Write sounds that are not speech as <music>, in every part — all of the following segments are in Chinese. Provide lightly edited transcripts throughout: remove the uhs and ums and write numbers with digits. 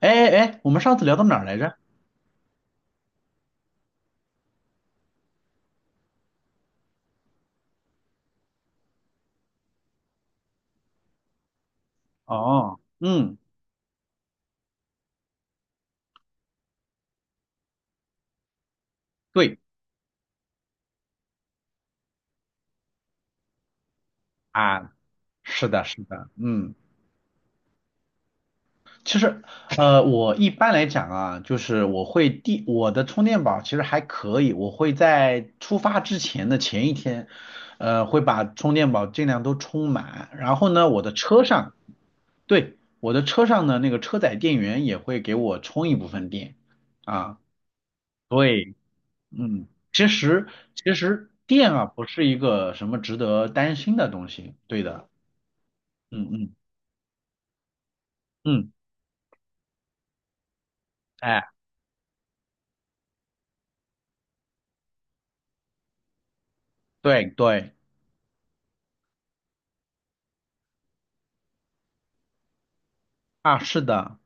哎哎哎，我们上次聊到哪儿来着？哦，嗯，对啊，是的，是的，嗯，其实我一般来讲啊，就是我会我的充电宝其实还可以，我会在出发之前的前一天，会把充电宝尽量都充满，然后呢，我的车上，对，我的车上呢那个车载电源也会给我充一部分电啊，对。嗯，其实电啊不是一个什么值得担心的东西，对的，嗯嗯嗯，哎，对对啊，是的，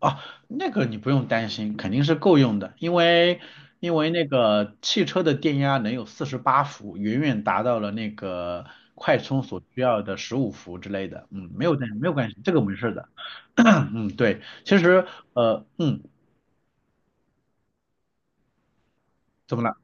哦，那个你不用担心，肯定是够用的，因为那个汽车的电压能有48伏，远远达到了那个快充所需要的15伏之类的，嗯，没有关系，这个没事的，<coughs> <clears throat> 嗯，对，其实呃嗯，怎么了？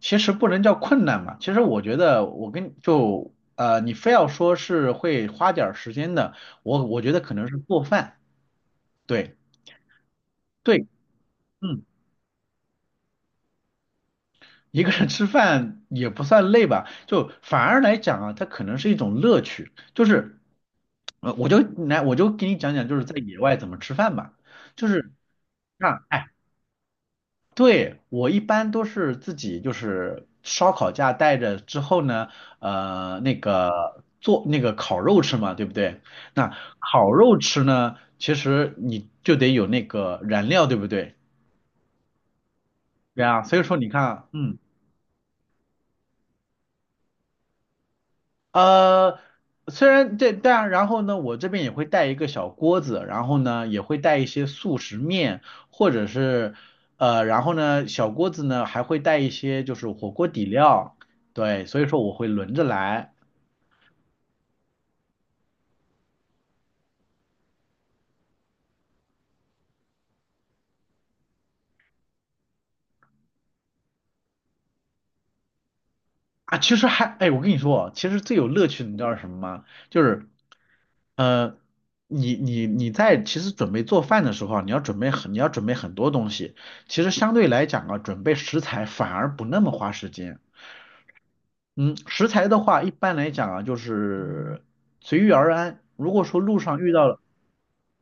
其实不能叫困难嘛，其实我觉得我你非要说是会花点儿时间的，我觉得可能是做饭，对对，嗯，一个人吃饭也不算累吧，就反而来讲啊，它可能是一种乐趣，就是我就来我就给你讲讲就是在野外怎么吃饭吧，就是让，哎。对，我一般都是自己就是烧烤架带着之后呢，那个做那个烤肉吃嘛，对不对？那烤肉吃呢，其实你就得有那个燃料，对不对？对啊，所以说你看，嗯。呃，虽然这，但然后呢，我这边也会带一个小锅子，然后呢，也会带一些速食面，或者是然后呢，小锅子呢还会带一些就是火锅底料，对，所以说我会轮着来啊。其实还，哎，我跟你说，其实最有乐趣的你知道是什么吗？就是呃，你在其实准备做饭的时候啊你要准备很多东西，其实相对来讲啊，准备食材反而不那么花时间。嗯，食材的话，一般来讲啊，就是随遇而安。如果说路上遇到了，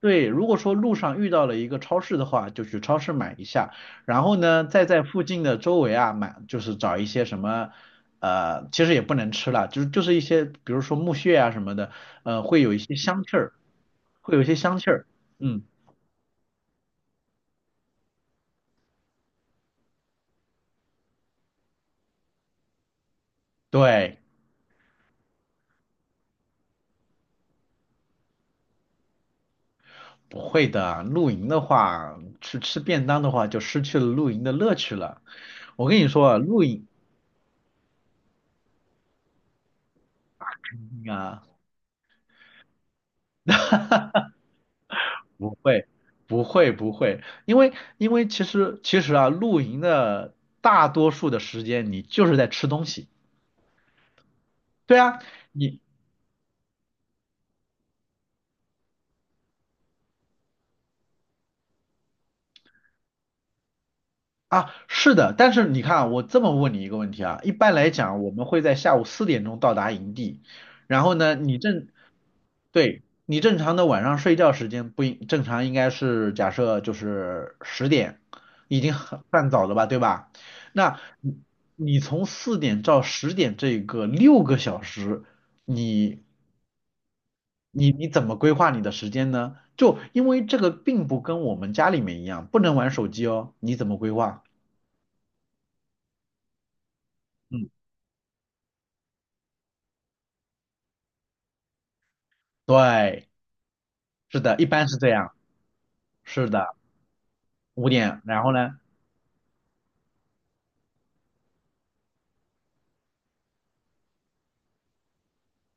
对，如果说路上遇到了一个超市的话，就去超市买一下，然后呢，再在附近的周围啊买，就是找一些什么，其实也不能吃了，就是一些，比如说木屑啊什么的，会有一些香气儿，会有一些香气儿。嗯，对，不会的。露营的话，去吃便当的话，就失去了露营的乐趣了。我跟你说啊，露营。啊，不会，不会，不会，因为其实啊，露营的大多数的时间你就是在吃东西。对啊，你啊，是的，但是你看啊我这么问你一个问题啊，一般来讲，我们会在下午4点钟到达营地，然后呢，你正，对，你正常的晚上睡觉时间不应，正常应该是假设就是十点，已经很算早了吧，对吧？那你从4点到10点这个6个小时，你你怎么规划你的时间呢？就因为这个并不跟我们家里面一样，不能玩手机哦，你怎么规划？嗯。对，是的，一般是这样，是的，五点，然后呢？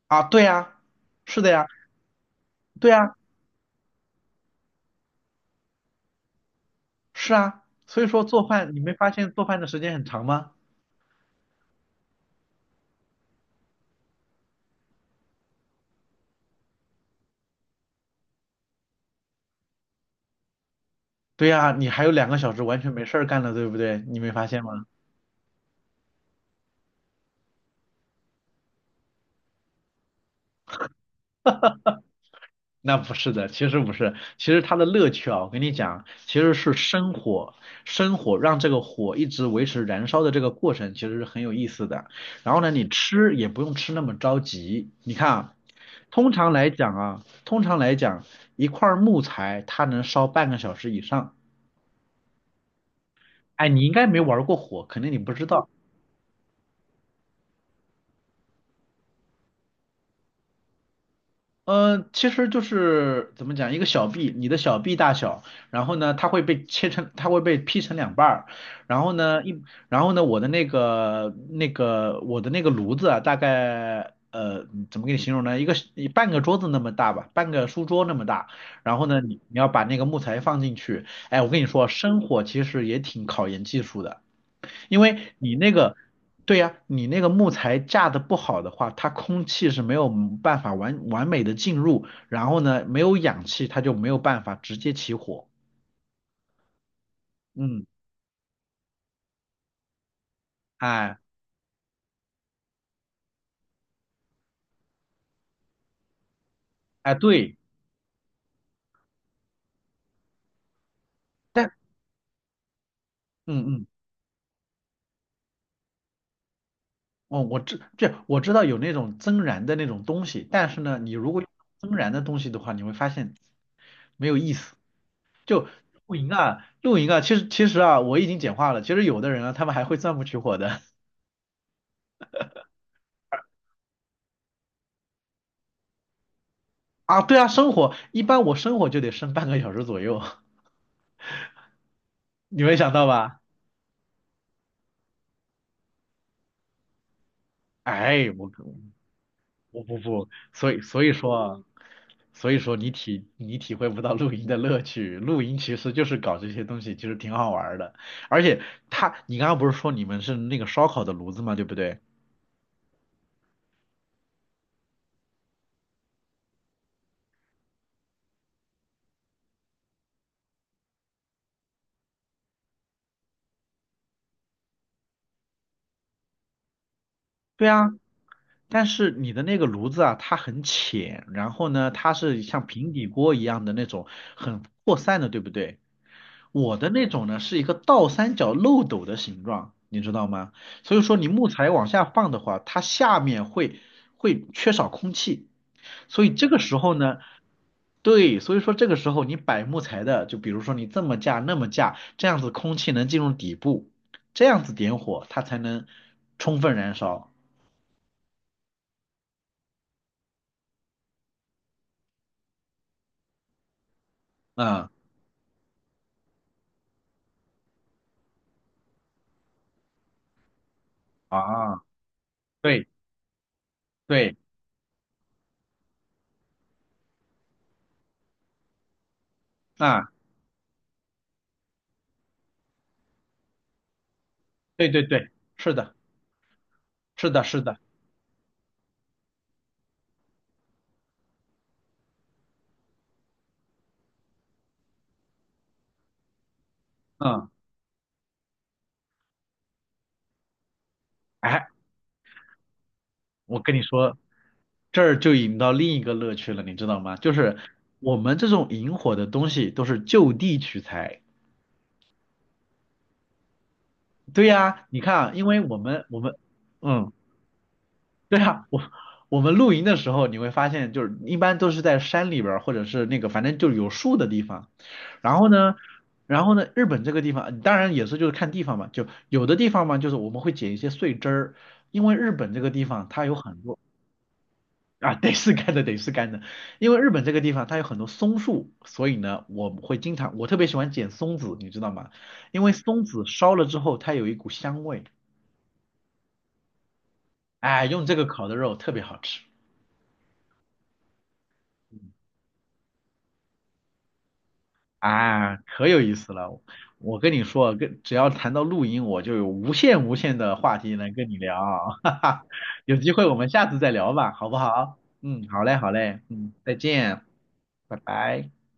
啊，对呀，是的呀，对呀，是啊，所以说做饭，你没发现做饭的时间很长吗？对呀，你还有2个小时完全没事儿干了，对不对？你没发现吗？那不是的，其实不是，其实它的乐趣啊，我跟你讲，其实是生火，生火让这个火一直维持燃烧的这个过程，其实是很有意思的。然后呢，你吃也不用吃那么着急。你看啊，通常来讲，一块儿木材它能烧半个小时以上。哎，你应该没玩过火，肯定你不知道。嗯，其实就是怎么讲，一个小臂，你的小臂大小，然后呢，它会被劈成两半儿，然后呢，我的那个我的那个炉子啊，大概怎么给你形容呢？一个半个桌子那么大吧，半个书桌那么大，然后呢，你要把那个木材放进去，哎，我跟你说，生火其实也挺考验技术的。因为你那个，对呀，你那个木材架的不好的话，它空气是没有办法完美的进入，然后呢，没有氧气，它就没有办法直接起火。嗯，哎哎，对，但嗯嗯，哦，我知道有那种增燃的那种东西，但是呢，你如果用增燃的东西的话，你会发现没有意思。就露营啊，露营啊，其实啊，我已经简化了。其实有的人啊，他们还会钻木取火的。啊，对啊，生火一般我生火就得生半个小时左右，<laughs> 你没想到吧？哎，我不，所以说你体会不到露营的乐趣，露营其实就是搞这些东西，其实挺好玩儿的。而且他，你刚刚不是说你们是那个烧烤的炉子嘛，对不对？对啊，但是你的那个炉子啊，它很浅，然后呢，它是像平底锅一样的那种很扩散的，对不对？我的那种呢是一个倒三角漏斗的形状，你知道吗？所以说你木材往下放的话，它下面会缺少空气，所以这个时候呢，对，所以说这个时候你摆木材的，就比如说你这么架那么架，这样子空气能进入底部，这样子点火它才能充分燃烧。嗯。啊，对对，啊，对对对，是的，是的，是的，嗯，哎，我跟你说，这儿就引到另一个乐趣了，你知道吗？就是我们这种引火的东西都是就地取材。对呀，你看啊因为我们，嗯。<laughs> 对啊，我们露营的时候，你会发现，就是一般都是在山里边儿，或者是那个反正就是有树的地方。然后呢，日本这个地方，当然也是就是看地方嘛，就有的地方嘛，就是我们会捡一些碎枝儿，因为日本这个地方它有很多啊，得是干的，得是干的，因为日本这个地方它有很多松树，所以呢，我会经常，我特别喜欢捡松子，你知道吗？因为松子烧了之后，它有一股香味，哎，用这个烤的肉特别好吃。嗯啊，可有意思了！我跟你说，跟只要谈到露营，我就有无限无限的话题能跟你聊，<laughs> 哈哈。有机会我们下次再聊吧，好不好？嗯，好嘞，好嘞，嗯，再见，拜拜。